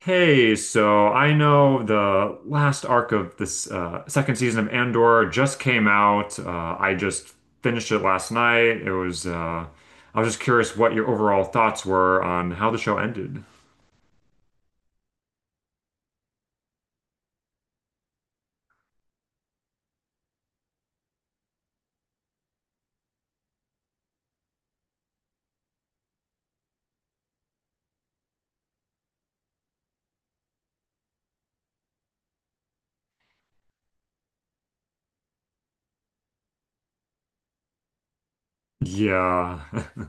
Hey, so I know the last arc of this second season of Andor just came out. I just finished it last night. I was just curious what your overall thoughts were on how the show ended. Yeah.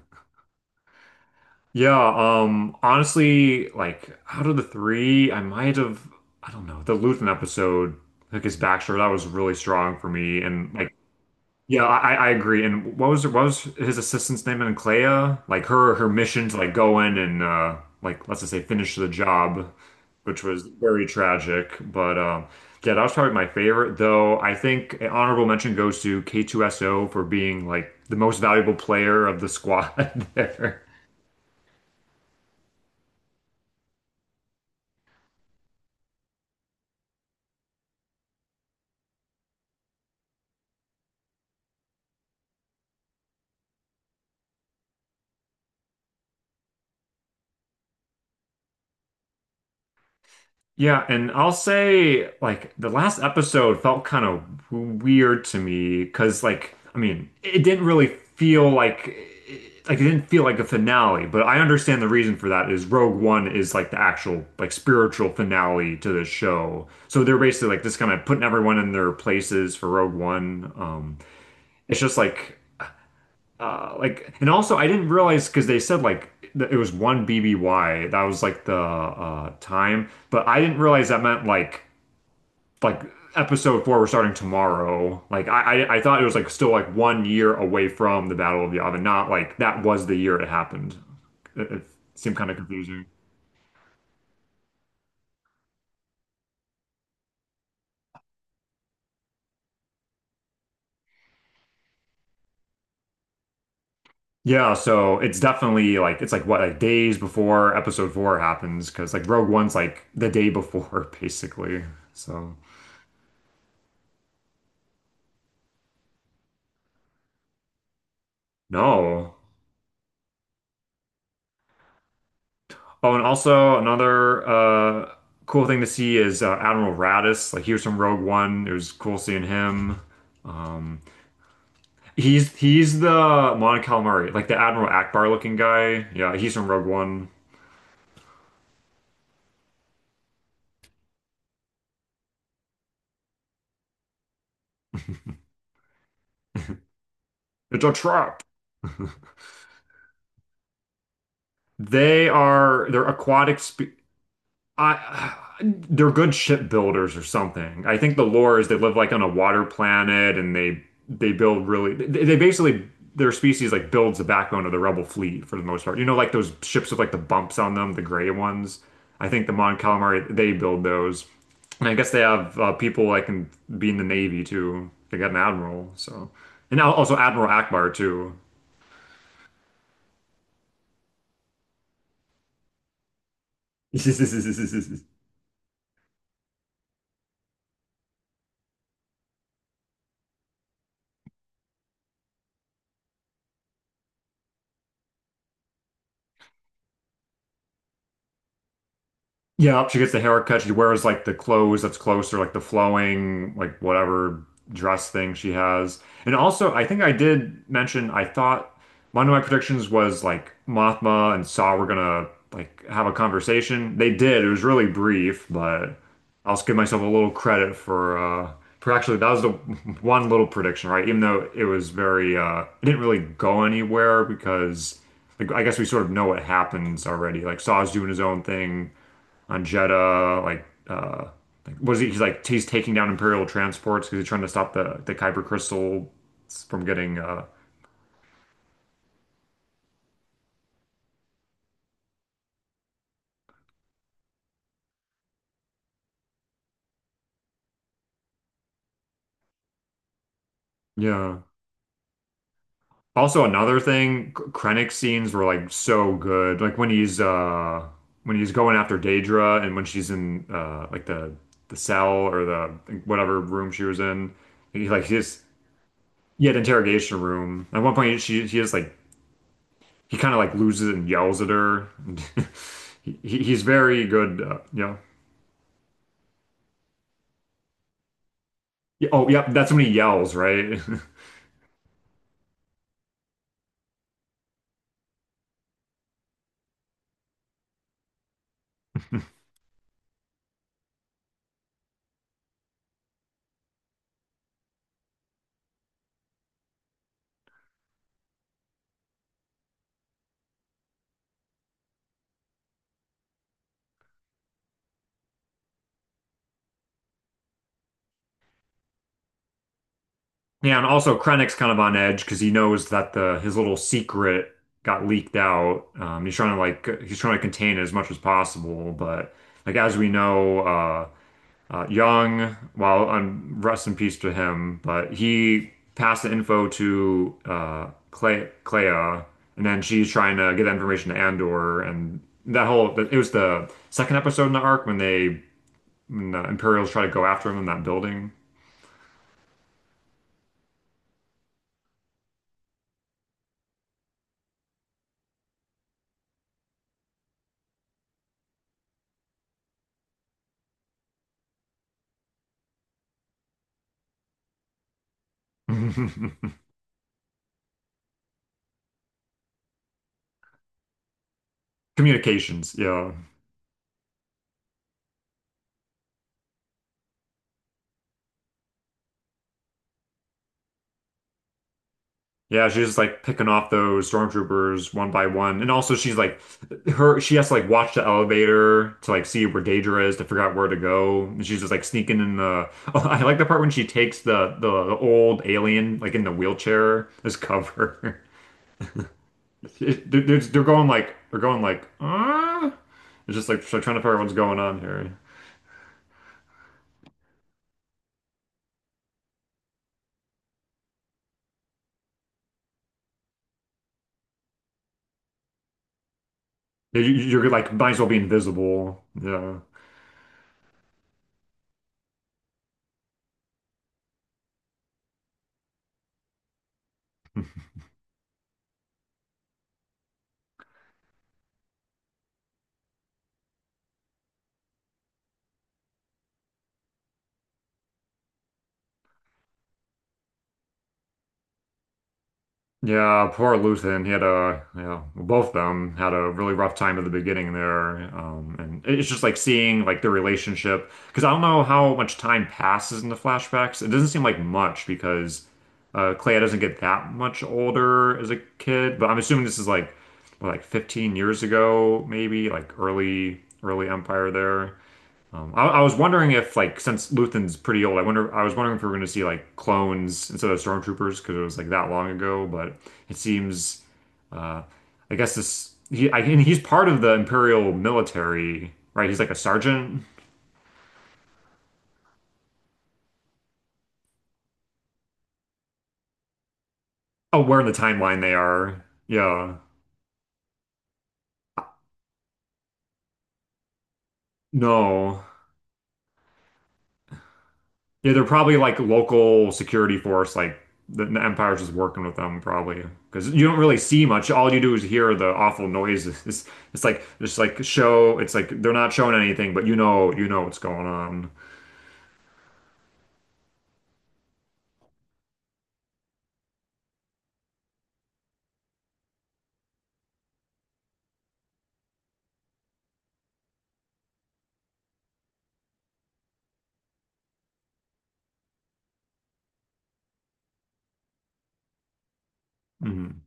Yeah, honestly, like out of the three, I might have, I don't know, the Luthen episode, like his backstory, that was really strong for me. And, like, yeah, I agree. And what was his assistant's name in Clea? Like her mission to like go in and like let's just say finish the job, which was very tragic. But yeah, that was probably my favorite, though I think an honorable mention goes to K2SO for being like the most valuable player of the squad there. Yeah, and I'll say like the last episode felt kind of weird to me because, like, I mean, it didn't really feel like, it didn't feel like a finale, but I understand the reason for that is Rogue One is like the actual like spiritual finale to the show. So they're basically like just kind of putting everyone in their places for Rogue One. It's just like and also I didn't realize because they said like that it was 1 BBY. That was like the time, but I didn't realize that meant like, like episode four we're starting tomorrow, like I thought it was like still like one year away from the Battle of Yavin, not like that was the year it happened. It seemed kind of confusing. Yeah, so it's definitely like, it's like, what, like days before episode four happens because like Rogue One's like the day before basically, so no. Oh, and also another cool thing to see is Admiral Radis, like he was from Rogue One. It was cool seeing him. um he's the Mon Calamari, like the Admiral Akbar looking guy. Yeah, he's from Rogue One. It's a trap. They are they're aquatic spe I they're good shipbuilders or something. I think the lore is they live like on a water planet, and they build really, they basically their species like builds the backbone of the rebel fleet for the most part. You know, like those ships with like the bumps on them, the gray ones. I think the Mon Calamari they build those, and I guess they have people like in be in the navy too. They got an admiral, so, and also Admiral Akbar too. Yeah, she gets the haircut. She wears like the clothes that's closer, like the flowing, like whatever dress thing she has. And also, I think I did mention I thought one of my predictions was like Mothma and Saw were gonna like have a conversation. They did. It was really brief, but I'll just give myself a little credit for for actually that was the one little prediction, right? Even though it was very it didn't really go anywhere because, like, I guess we sort of know what happens already. Like Saw's doing his own thing on Jeddah, like what is he, he's taking down Imperial transports because he's trying to stop the Kyber crystal from getting yeah. Also another thing, Krennic scenes were like so good. Like when he's going after Daedra and when she's in like the cell, or, the like, whatever room she was in. He like his he had interrogation room. At one point she he is like he kind of like loses it and yells at her. He's very good, yeah. Yeah. Oh, yep. That's when he yells, right? Yeah, and also Krennic's kind of on edge because he knows that the his little secret got leaked out. He's trying to contain it as much as possible, but like as we know, Young, well, rest in peace to him, but he passed the info to Clea, and then she's trying to get that information to Andor, and that whole it was the second episode in the arc when they when the Imperials try to go after him in that building. Communications, yeah. Yeah, she's just like picking off those stormtroopers one by one. And also she has to like watch the elevator to like see where Daedra is to figure out where to go. And she's just like sneaking in the oh, I like the part when she takes the old alien like in the wheelchair as cover. They're going, like, they're going. It's just like trying to figure out what's going on here. You're like might as well be invisible. Yeah. Yeah, poor Luthen. He had a, both of them had a really rough time at the beginning there. And it's just like seeing like their relationship because I don't know how much time passes in the flashbacks. It doesn't seem like much because Clea doesn't get that much older as a kid, but I'm assuming this is like, what, like 15 years ago, maybe like early early Empire there. I was wondering if, like, since Luthen's pretty old, I was wondering if we were going to see like clones instead of stormtroopers because it was like that long ago. But it seems uh, I guess and he's part of the Imperial military, right? He's like a sergeant. Oh, where in the timeline they are? Yeah. No. Yeah, they're probably like local security force, like the Empire's just working with them probably. Because you don't really see much. All you do is hear the awful noises. It's like just like show. It's like they're not showing anything, but you know what's going on. Hmm.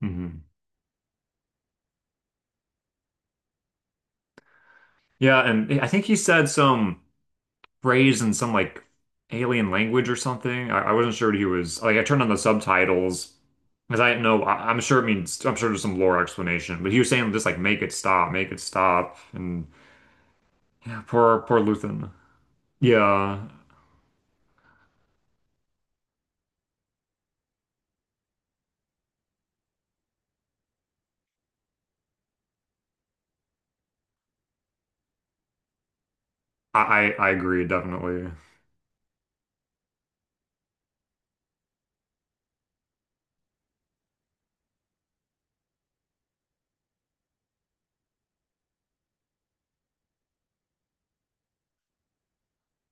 Hmm. Yeah, and I think he said some phrase in some like alien language or something. I wasn't sure what he was like. I turned on the subtitles because I didn't know. I'm sure it means. I'm sure there's some lore explanation, but he was saying just like, make it stop, and. Yeah, poor poor Luthen. Yeah, I agree definitely.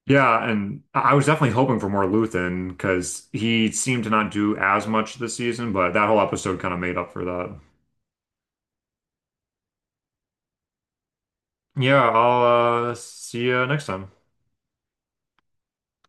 Yeah, and I was definitely hoping for more Luthen because he seemed to not do as much this season, but that whole episode kind of made up for that. Yeah, I'll see you next time.